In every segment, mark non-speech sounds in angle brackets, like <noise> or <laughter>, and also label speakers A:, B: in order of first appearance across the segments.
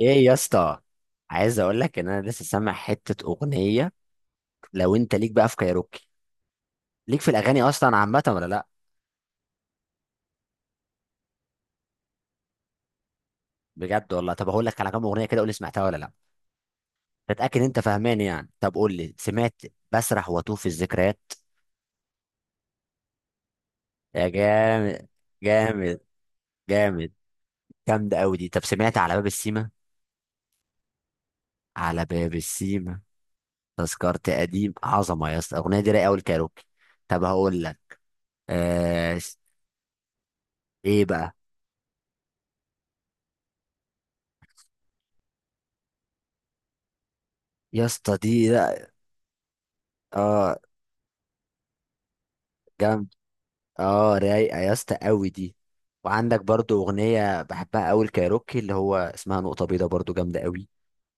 A: ايه يا اسطى؟ عايز اقول لك ان انا لسه سامع حته اغنيه. لو انت ليك بقى في كايروكي، ليك في الاغاني اصلا عامه ولا لا؟ بجد والله. طب هقول لك على كام اغنيه كده، قول لي سمعتها ولا لا. تتاكد انت فاهمان يعني. طب قول لي سمعت. بسرح واتوه في الذكريات. يا جامد. جامد. جامد. جامده قوي دي. طب سمعت على باب السيما؟ على باب السيما، تذكرت قديم. عظمه يا اسطى، الاغنيه دي رايقه قوي الكايروكي. طب هقول لك آه... ايه بقى؟ يا اسطى دي، لا. اه جامده. اه رايقه يا اسطى قوي دي. وعندك برضو اغنيه بحبها قوي الكايروكي، اللي هو اسمها نقطه بيضاء، برضو جامده قوي.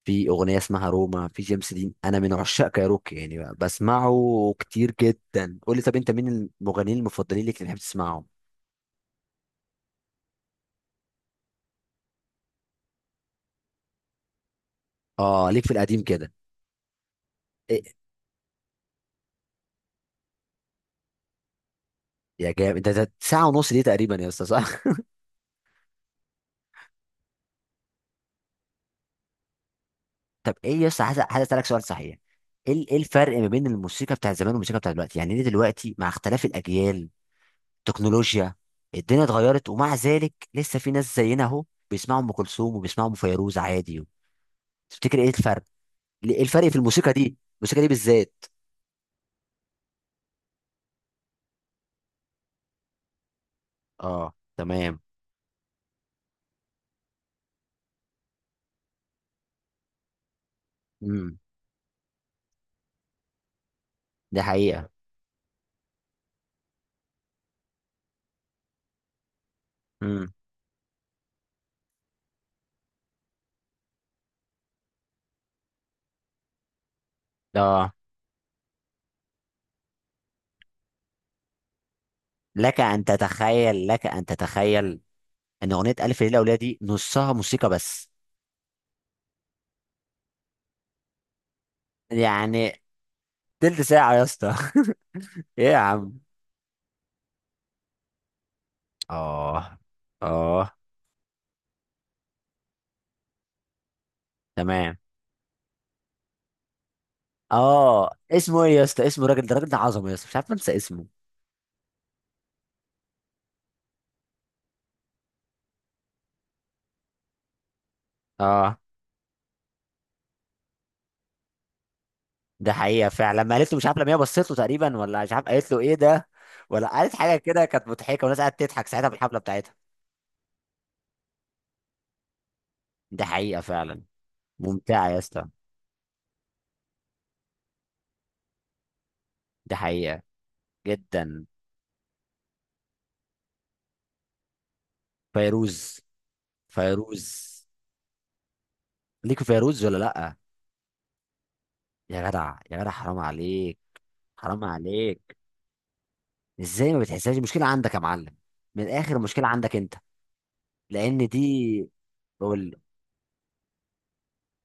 A: في اغنيه اسمها روما، في جيمس دين. انا من عشاق كايروكي يعني، بقى بسمعه كتير جدا. قول لي طب، انت مين المغنيين المفضلين ليك اللي بتحب تسمعهم؟ اه ليك في القديم كده. إيه؟ يا جامد. ده ساعه ونص دي تقريبا يا اسطى، صح؟ <laughs> طب ايه يا اسطى، عايز اسالك سؤال صحيح. ايه إيه الفرق ما بين الموسيقى بتاعت زمان والموسيقى بتاعت دلوقتي؟ يعني ليه دلوقتي، مع اختلاف الاجيال، تكنولوجيا، الدنيا اتغيرت، ومع ذلك لسه في ناس زينا اهو بيسمعوا ام كلثوم وبيسمعوا ام فيروز عادي. تفتكر ايه الفرق؟ ايه الفرق في الموسيقى دي، الموسيقى دي بالذات؟ اه تمام. امم. دي حقيقة. امم. اه. لك ان تتخيل ان اغنية الف ليلة وليلة دي نصها موسيقى بس. يعني تلت ساعة يا اسطى. <laughs> ايه يا عم. اه. اه تمام. اه اسمه ايه يا اسطى؟ الراجل ده، عظمه يا اسطى، مش عارف انسى اسمه. اه. ده حقيقة فعلا، لما قالت له مش عارف، لما هي بصيت له تقريبا، ولا مش عارف قالت له ايه ده، ولا قالت حاجة كده كانت مضحكة، والناس قاعدة تضحك ساعتها في الحفلة بتاعتها. ده حقيقة فعلا. ممتعة يا اسطى. ده حقيقة جدا. فيروز. فيروز ليك في فيروز ولا لأ؟ يا جدع، يا جدع، حرام عليك. حرام عليك، ازاي ما بتحسهاش؟ المشكلة عندك يا معلم، من الآخر المشكلة عندك انت. لأن دي، بقول،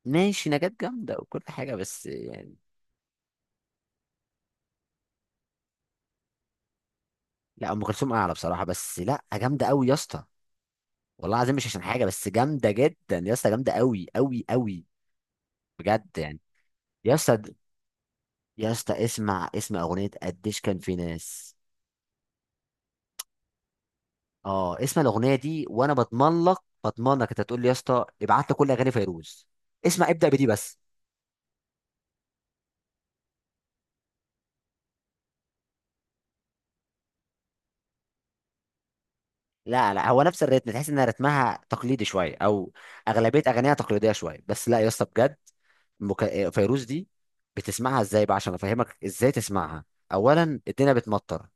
A: ماشي نجاة جامدة وكل حاجة بس يعني. لا، أم كلثوم أعلى بصراحة، بس لأ جامدة أوي يا اسطى. والله العظيم مش عشان حاجه، بس جامده جدا يا اسطى، جامده قوي قوي قوي. بجد يعني. يا اسطى، اسمع، اسمع اغنيه قديش كان في ناس. اه اسمع الاغنيه دي، وانا بضمن لك، انت تقول لي يا اسطى ابعت لي كل اغاني فيروز. اسمع ابدا بدي بس. لا لا، هو نفس الريتم، تحس ان رتمها تقليدي شويه، او اغلبيه اغانيها تقليديه شويه. بس لا يا اسطى بجد، فيروز دي بتسمعها ازاي بقى؟ عشان افهمك ازاي تسمعها. اولا، الدنيا بتمطر.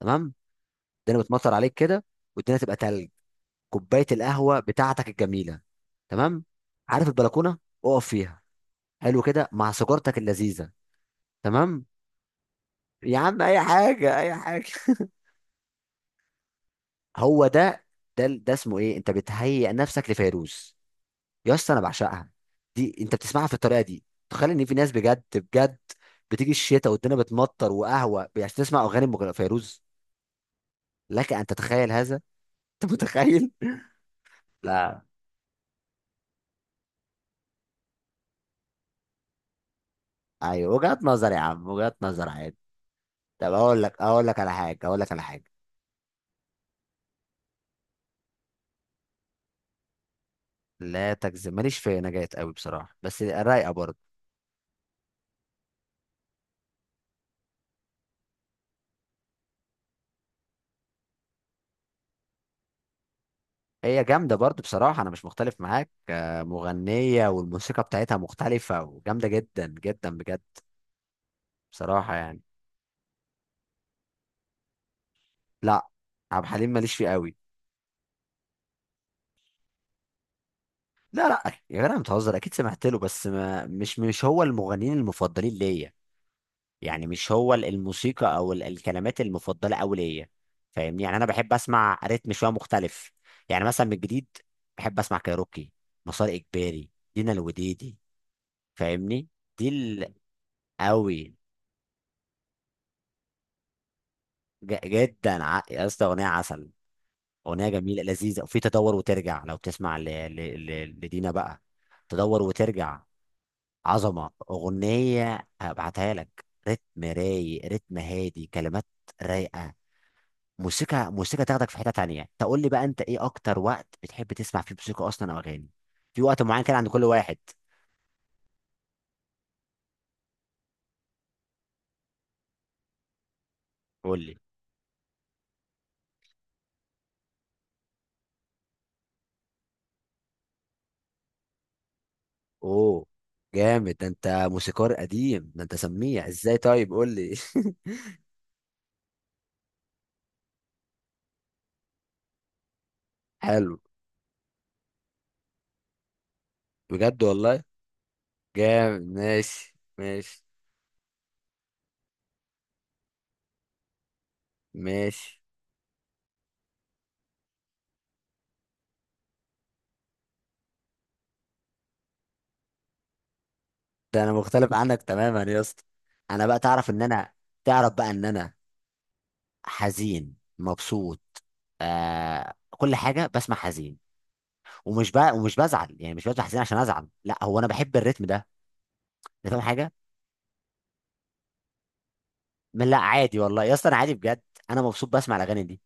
A: تمام. الدنيا بتمطر عليك كده، والدنيا تبقى تلج. كوبايه القهوه بتاعتك الجميله، تمام. عارف البلكونه، اقف فيها. حلو كده مع سيجارتك اللذيذه، تمام. يا عم اي حاجه، اي حاجه. <laughs> هو ده، ده. اسمه ايه؟ انت بتهيئ نفسك لفيروز. يا اسطى انا بعشقها دي. انت بتسمعها في الطريقه دي، تخيل ان في ناس بجد بجد بتيجي الشتاء والدنيا بتمطر وقهوه عشان تسمع اغاني فيروز. لك ان تتخيل هذا. <laughs> انت متخيل؟ لا. ايوه وجهات نظر يا عم، وجهات نظر عادي. طب اقول لك، اقول لك على حاجه. لا تجزم، ماليش في نجاة قوي بصراحه، بس رايقه برضه. هي جامده برضه بصراحه، انا مش مختلف معاك، آه، مغنيه والموسيقى بتاعتها مختلفه وجامده جدا جدا بجد. بصراحه يعني. لا، عبد الحليم ماليش فيه قوي. لا لا يا جدع بتهزر، اكيد سمعت له، بس ما، مش هو المغنيين المفضلين ليا يعني. مش هو الموسيقى او الكلمات المفضله قوي ليا. فاهمني يعني، انا بحب اسمع رتم شويه مختلف. يعني مثلا من الجديد، بحب اسمع كايروكي، مسار اجباري، دينا الوديدي. فاهمني؟ دي قوي. جدا، يا اسطى اغنيه عسل، اغنيه جميله لذيذه. وفي تدور وترجع، لو تسمع لدينا بقى. تدور وترجع، عظمه اغنيه، هبعتها لك. رتم رايق، رتم هادي، كلمات رايقه. موسيقى، تاخدك في حتة تانية. تقول لي بقى انت، ايه اكتر وقت بتحب تسمع فيه موسيقى اصلا او اغاني؟ في وقت معين كده عند كل واحد. قول لي. اوه جامد، ده انت موسيقار قديم، ده انت سميع ازاي؟ طيب قول لي. <laughs> حلو. بجد والله. جامد ماشي ماشي. ماشي. ده انا مختلف عنك تماما يا اسطى. انا بقى، تعرف ان انا، تعرف بقى ان انا، حزين مبسوط، آه كل حاجة بسمع حزين. ومش بقى، ومش بزعل يعني، مش بفتح حزين عشان ازعل، لا، هو انا بحب الريتم ده. انت فاهم حاجه؟ من لا، عادي والله يا اسطى، انا عادي بجد. انا مبسوط بسمع الاغاني دي.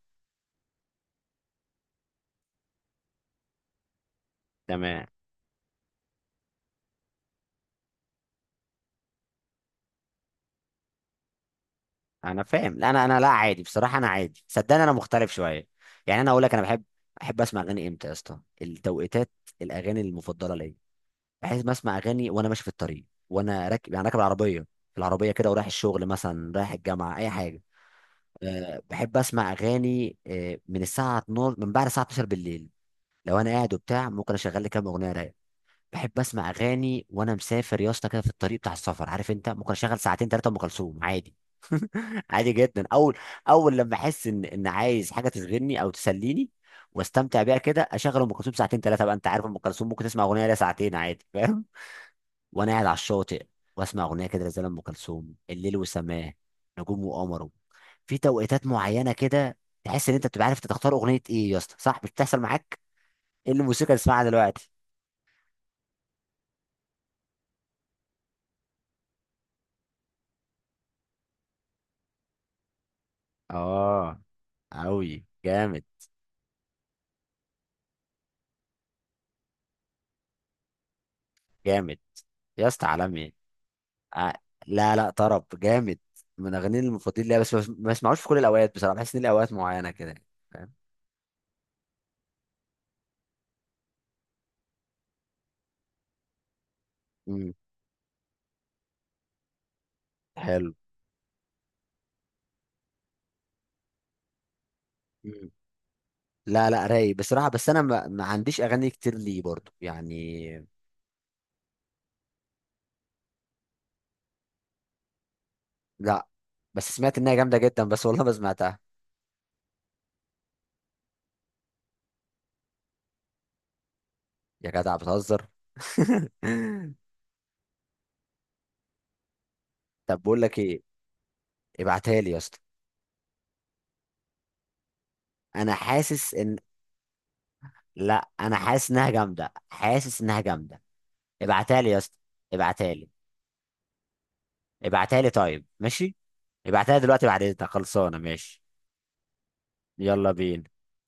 A: تمام. انا فاهم، لا انا انا لا عادي بصراحه، انا عادي صدقني، انا مختلف شويه يعني. انا اقول لك انا بحب، احب اسمع اغاني امتى يا اسطى، التوقيتات، الاغاني المفضله ليا. بحيث ما اسمع اغاني وانا ماشي في الطريق، وانا راكب يعني راكب العربيه، في العربيه كده ورايح الشغل مثلا، رايح الجامعه، اي حاجه. أه بحب اسمع اغاني أه من الساعه 12، من بعد الساعه 12 بالليل، لو انا قاعد وبتاع، ممكن اشغل لي كام اغنيه رايقه. بحب اسمع اغاني وانا مسافر يا اسطى كده في الطريق بتاع السفر، عارف انت، ممكن اشغل ساعتين ثلاثه ام كلثوم عادي. <laughs> عادي جدا. اول، اول لما احس ان عايز حاجه تشغلني او تسليني واستمتع بيها كده، اشغل ام كلثوم ساعتين ثلاثه. بقى انت عارف ام كلثوم ممكن تسمع اغنيه ليها ساعتين عادي، فاهم؟ <laughs> وانا قاعد على الشاطئ واسمع اغنيه كده زي ام كلثوم الليل وسماه نجوم وقمره. في توقيتات معينه كده، تحس ان انت بتبقى عارف أنت تختار اغنيه ايه. يا اسطى صح، مش بتحصل معاك؟ ايه الموسيقى اللي اسمعها دلوقتي؟ اه. اوي جامد. جامد يا اسطى، عالمي. آه. لا لا، طرب جامد. من اغاني المفضلين ليا، ما اسمعوش في كل الاوقات بصراحه، بحس ان ليه اوقات معينه كده يعني، فاهم؟ امم. حلو. مم. لا لا، رايق بصراحه، بس انا ما عنديش اغاني كتير ليه برضو يعني. لا، بس سمعت انها جامده جدا، بس والله ما سمعتها. يا جدع بتهزر. <laughs> طب بقول لك ايه، ابعتها لي يا اسطى. انا حاسس ان، لا انا حاسس انها جامده، حاسس انها جامده. ابعتها لي يا اسطى، ابعتها لي. ابعتها لي طيب، ماشي. ابعتها لي دلوقتي بعد اذنك، خلصانه ماشي؟ يلا بينا.